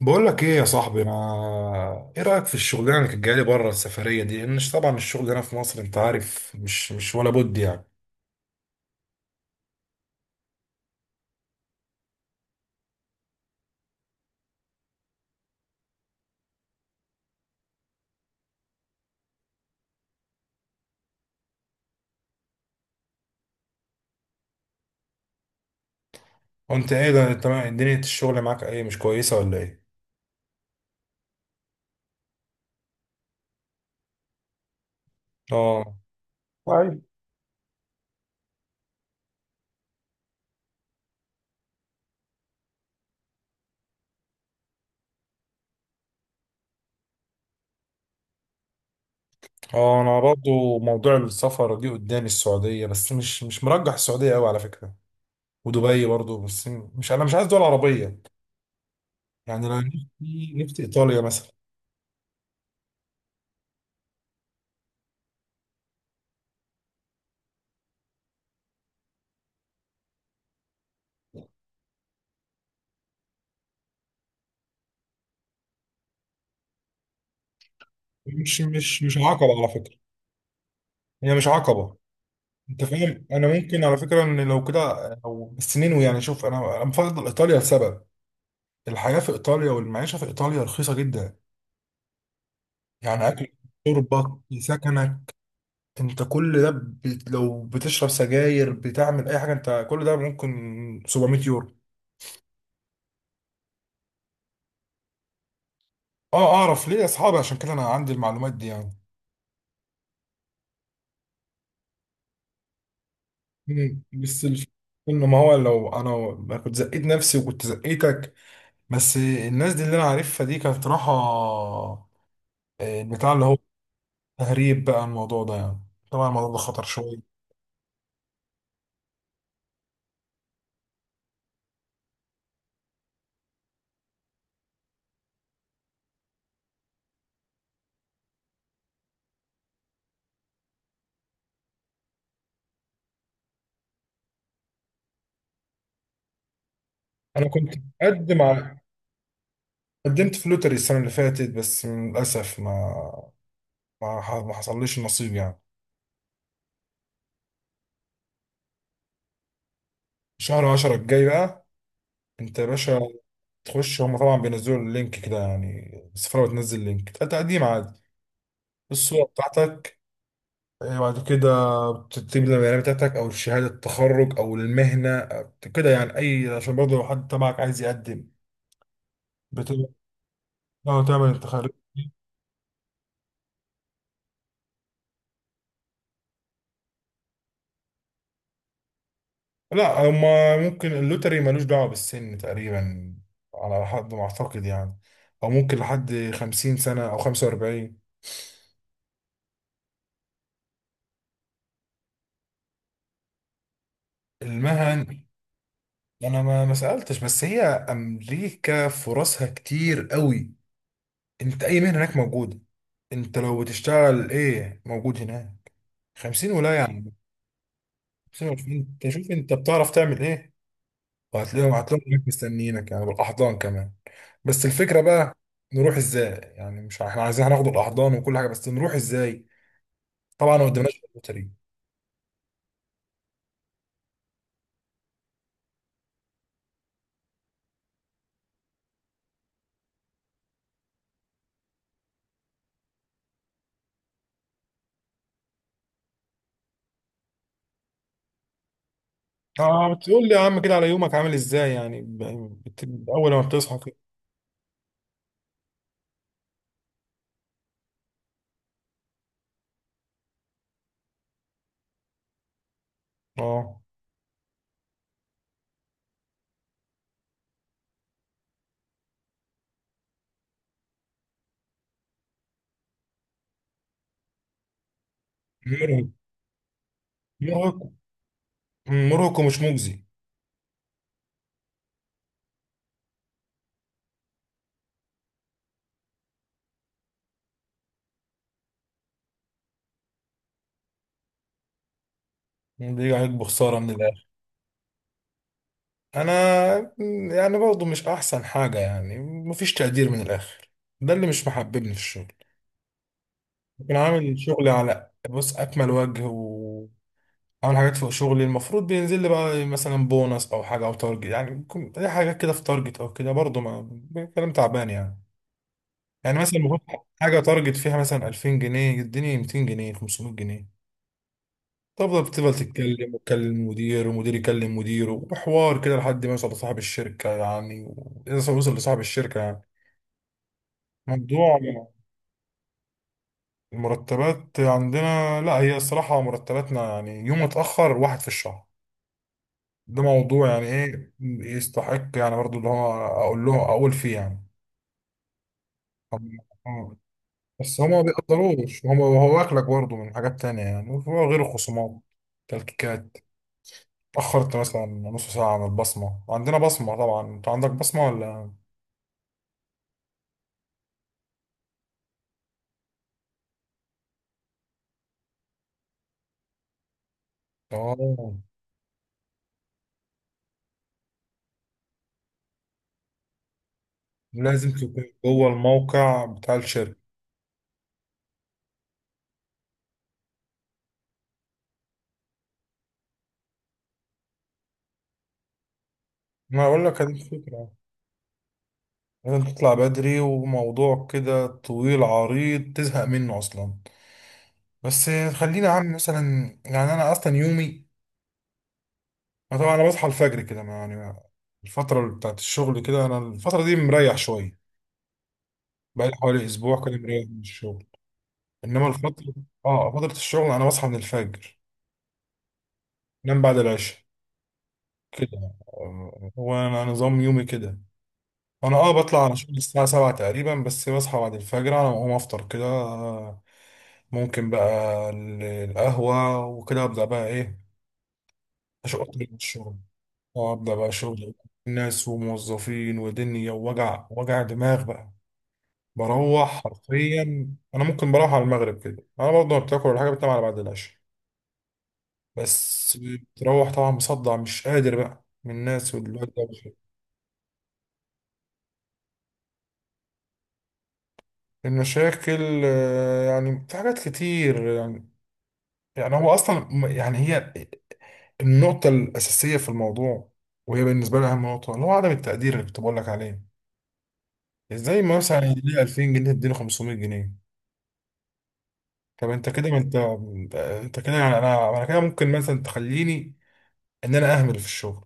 بقول لك ايه يا صاحبي، ما ايه رايك في الشغلانه اللي كانت جايه لي بره؟ السفريه دي، لان طبعا الشغل هنا في مصر انت عارف، مش ولا بد يعني. وانت ايه ده؟ انت دنيا الشغل معاك ايه، مش كويسه ولا ايه؟ اه طيب. اه انا برضو موضوع السفر دي قدامي السعوديه، بس مش مرجح السعوديه قوي على فكره. ودبي برضو، بس مش انا مش عايز دول عربيه. يعني انا نفسي نفسي ايطاليا مثلا. مش عقبه على فكره، هي مش عقبه. انت فاهم؟ انا ممكن على فكره ان لو كده، او السنين يعني. شوف انا بفضل ايطاليا لسبب. الحياه في ايطاليا والمعيشه في ايطاليا رخيصه جدا. يعني اكل، شربك، سكنك. انت كل ده لو بتشرب سجاير، بتعمل اي حاجه، انت كل ده ممكن 700 يورو. اه اعرف ليه؟ اصحابي، عشان كده انا عندي المعلومات دي يعني. مم. بس الف... انه ما هو لو انا ما كنت زقيت نفسي، وكنت زقيتك. بس الناس دي اللي انا عارفها دي كانت راحه البتاع اللي هو. تهريب بقى الموضوع ده يعني، طبعا الموضوع ده خطر شوية. أنا كنت مقدم على، قدمت في لوتري السنة اللي فاتت، بس للأسف ما حصلليش النصيب يعني. شهر عشرة الجاي بقى. أنت يا باشا تخش، هما طبعا بينزلوا اللينك كده يعني، السفارة بتنزل لينك تقديم عادي. الصورة بتاعتك، إيه، بعد كده بتكتب البيانات بتاعتك أو شهادة التخرج أو المهنة أو كده يعني، أي عشان برضه لو حد تبعك عايز يقدم بتبقى تعمل التخرج. لا، هما ممكن اللوتري ملوش دعوة بالسن تقريبا، على حد ما أعتقد يعني. أو ممكن لحد خمسين سنة أو خمسة وأربعين. المهن، أنا ما سألتش، بس هي أمريكا فرصها كتير قوي. أنت أي مهنة هناك موجودة. أنت لو بتشتغل إيه، موجود هناك. خمسين ولاية يعني. خمسين وعشرين، أنت شوف أنت بتعرف تعمل إيه. وهتلاقيهم هناك مستنيينك يعني، بالاحضان كمان. بس الفكره بقى، نروح ازاي يعني؟ مش احنا عايزين هناخد الاحضان وكل حاجه، بس نروح ازاي؟ طبعا ما قدمناش غير الطريق. اه بتقول لي يا عم كده، على يومك عامل ازاي يعني؟ اول ما بتصحى كده. اه مرهق مرهق. مرهق ومش مجزي. بيجي عليك بخساره من الاخر. انا يعني برضه مش احسن حاجه يعني، مفيش تقدير من الاخر. ده اللي مش محببني في الشغل. كنت عامل شغلي على بص اكمل وجه. اعمل حاجات فوق شغلي المفروض، بينزل لي بقى مثلا بونص او حاجه او تارجت يعني. بيكون اي حاجه كده في تارجت او كده، برضه ما كلام تعبان يعني. يعني مثلا المفروض حاجه تارجت فيها مثلا 2000 جنيه، يديني 200 جنيه، 500 جنيه. بتفضل تتكلم وتكلم المدير، ومدير يكلم مديره، وحوار كده لحد ما يوصل لصاحب الشركه يعني. اذا وصل لصاحب الشركه يعني. موضوع المرتبات عندنا، لا هي الصراحه مرتباتنا يعني يوم اتاخر واحد في الشهر. ده موضوع يعني ايه يستحق يعني برضو اللي هو اقول له، اقول فيه يعني. آه. بس هما ما بيقدروش، هما هو واكلك برضو من حاجات تانية يعني غير الخصومات، تلكيكات. اتأخرت مثلا نص ساعة عن البصمة. عندنا بصمة طبعا. انت عندك بصمة ولا؟ اه، لازم تكون جوه الموقع بتاع الشركة. ما اقول لك هذه الفكرة. لازم تطلع بدري، وموضوع كده طويل عريض تزهق منه اصلا. بس خلينا عن مثلا. يعني انا اصلا يومي، أنا طبعا انا بصحى الفجر كده ما يعني. الفتره بتاعت الشغل كده، انا الفتره دي مريح شويه. بقالي حوالي اسبوع كده مريح من الشغل. انما الفتره، اه فتره الشغل انا بصحى من الفجر، انام بعد العشاء كده. هو انا نظام يومي كده. انا اه بطلع على شغل الساعه 7 تقريبا، بس بصحى بعد الفجر. انا بقوم افطر كده، ممكن بقى القهوه وكده. ابدا بقى ايه، اشوف أطلع من الشغل. اه ابدا بقى شغل، ناس وموظفين ودنيا، ووجع دماغ بقى. بروح حرفيا. انا ممكن بروح على المغرب كده، انا برضه ما بتاكل ولا حاجه، بتنام على بعد العشاء. بس بتروح طبعا مصدع، مش قادر بقى من الناس والدوشه. المشاكل، يعني في حاجات كتير يعني. يعني هو اصلا، يعني هي النقطه الاساسيه في الموضوع، وهي بالنسبه لي اهم نقطه، اللي هو عدم التقدير اللي كنت بقول لك عليه. ازاي ما مثلا يديني 2000 جنيه، تديني 500 جنيه؟ طب انت كده، ما انت، انت كده يعني، انا كده ممكن مثلا تخليني ان انا اهمل في الشغل،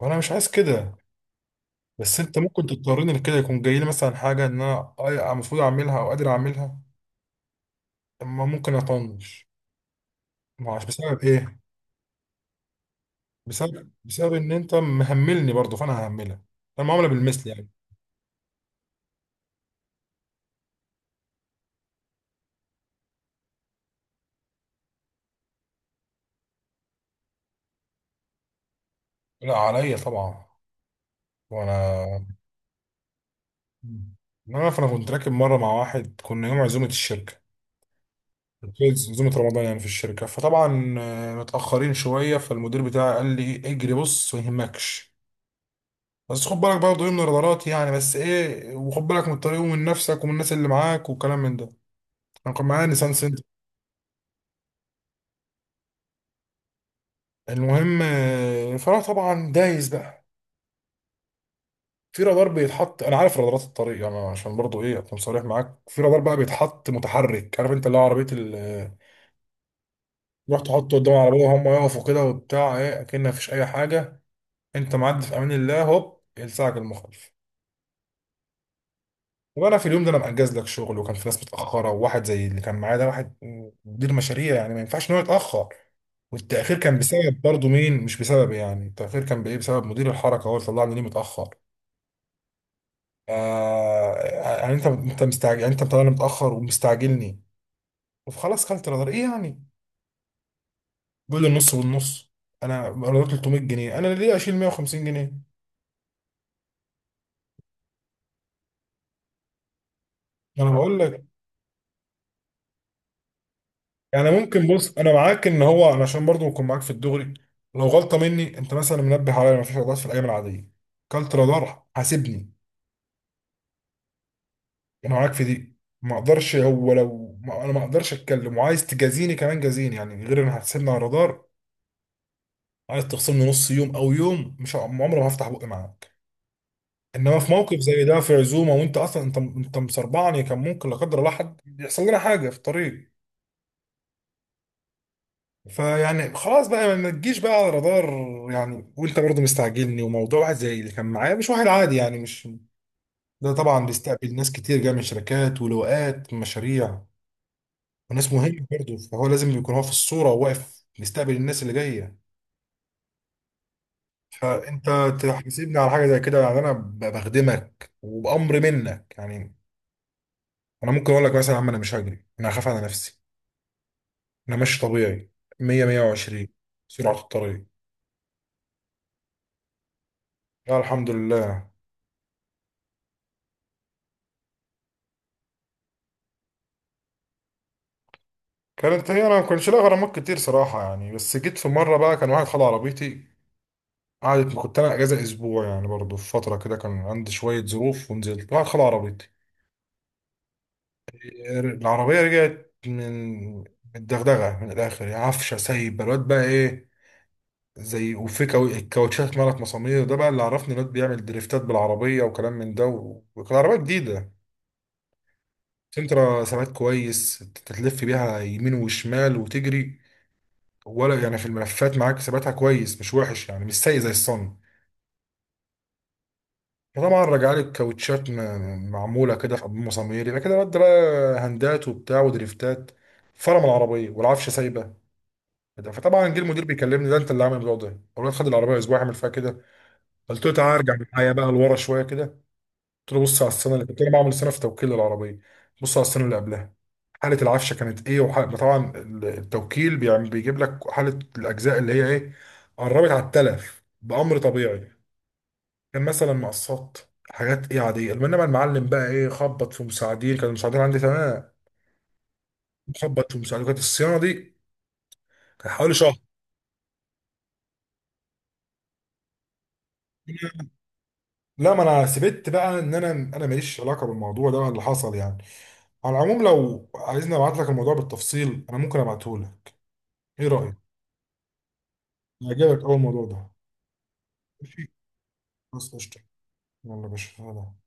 وانا مش عايز كده. بس انت ممكن تضطرني لكده. يكون جاي لي مثلا حاجه ان انا المفروض اعملها او قادر اعملها، اما ممكن اطنش. ما عارف بسبب ايه. بسبب ان انت مهملني برضه، فانا ههملك. انا معامله بالمثل يعني. لا عليا طبعا. وانا انا فانا كنت راكب مره مع واحد، كنا يوم عزومه الشركه، عزومه رمضان يعني في الشركه. فطبعا متاخرين شويه، فالمدير بتاعي قال لي اجري، بص ما يهمكش، بس خد بالك برضه ايه من الغلط يعني. بس ايه، وخد بالك من الطريق ومن نفسك ومن الناس اللي معاك والكلام من ده. انا كان معايا نيسان سنتر. المهم، فانا طبعا دايس بقى في رادار بيتحط. انا عارف رادارات الطريق. انا عشان برضه ايه اكون صريح معاك، في رادار بقى بيتحط متحرك، عارف انت اللي هو عربيه تروح تحطه قدام العربيه وهم يقفوا كده وبتاع ايه، اكن مفيش اي حاجه. انت معدي في امان الله، هوب يلسعك المخالف. وانا في اليوم ده، انا مأجز لك شغل، وكان في ناس متأخرة، وواحد زي اللي كان معايا ده، واحد مدير مشاريع يعني، ما ينفعش ان هو يتأخر. والتأخير كان بسبب برضه مين؟ مش بسبب يعني، التأخير كان بإيه؟ بسبب مدير الحركة هو اللي طلعني ليه متأخر. يعني انت مستعجل يعني، انت مطلعني متأخر ومستعجلني. وخلاص كلت رادار، ايه يعني؟ بيقول لي النص والنص. انا رادار 300 جنيه، انا ليه اشيل 150 جنيه؟ انا بقول لك يعني. ممكن بص، انا معاك ان هو، انا عشان برضو اكون معاك في الدغري، لو غلطه مني انت مثلا منبه عليا ما فيش رادارات في الايام العاديه، كلت رادار حاسبني. انا معاك في دي ما اقدرش. هو لو، ما انا ما اقدرش اتكلم، وعايز تجازيني كمان جازيني يعني، غير ان هتحسبني على الرادار. عايز تخصمني نص يوم او يوم، مش عمري ما هفتح بقي معاك. انما في موقف زي ده، في عزومه، وانت اصلا انت مسربعني، كان ممكن لا قدر الله حد يحصل لنا حاجه في الطريق. فيعني خلاص بقى، ما تجيش بقى على رادار يعني. وانت برضه مستعجلني، وموضوع واحد زي اللي كان معايا مش واحد عادي يعني، مش ده طبعا. بيستقبل ناس كتير جايه من شركات ولواءات مشاريع، وناس مهمه برضه، فهو لازم يكون هو في الصوره وواقف بيستقبل الناس اللي جايه. فانت تحاسبني على حاجه زي كده يعني؟ انا بخدمك وبامر منك يعني. انا ممكن اقول لك مثلا يا عم، انا مش هجري، انا هخاف على نفسي. انا ماشي طبيعي 100، 120، سرعه الطريق. لا الحمد لله. كانت هي، انا ما كنتش لاقي غرامات كتير صراحه يعني. بس جيت في مره بقى، كان واحد خد عربيتي. قعدت، كنت انا اجازه اسبوع يعني برضه، في فتره كده كان عندي شويه ظروف، ونزلت. واحد خد عربيتي، العربيه رجعت من الدغدغه من الاخر يعني. عفشه سايب الواد بقى ايه، زي وفي الكاوتشات مالت مسامير. ده بقى اللي عرفني الواد بيعمل دريفتات بالعربيه وكلام من ده، و- وكان عربيه جديده سنترا، ثبات كويس. تلف بيها يمين وشمال وتجري، ولا يعني في الملفات معاك ثباتها كويس مش وحش يعني، مش سيء زي الصن. فطبعا رجع لي الكاوتشات معموله كده في مصامير، يبقى كده رد بقى هندات وبتاع ودريفتات، فرم العربيه والعفشه سايبه. فطبعا جه المدير بيكلمني، ده انت اللي عامل الموضوع ده؟ اقول له خد العربيه اسبوع اعمل فيها كده. قلت له تعالى ارجع معايا بقى لورا شويه كده. قلت له بص على السنه اللي كنت انا بعمل سنه في توكيل العربيه، بص على السنه اللي قبلها، حالة العفشة كانت ايه؟ وحالة طبعا التوكيل بيعمل بيجيب لك حالة الأجزاء اللي هي ايه. قربت على التلف بأمر طبيعي. كان مثلا مقصات، حاجات ايه عادية. انما المعلم بقى ايه، خبط في مساعدين. كان المساعدين عندي تمام، خبط في مساعدين كانت الصيانة دي، كان حوالي شهر. لا ما انا سبت بقى ان انا ماليش علاقه بالموضوع ده اللي حصل يعني. على العموم لو عايزني ابعت لك الموضوع بالتفصيل انا ممكن ابعته لك. ايه رايك؟ يعجبك اول الموضوع ده. ماشي، خلاص قشطه. يلا يا باشا، سلام.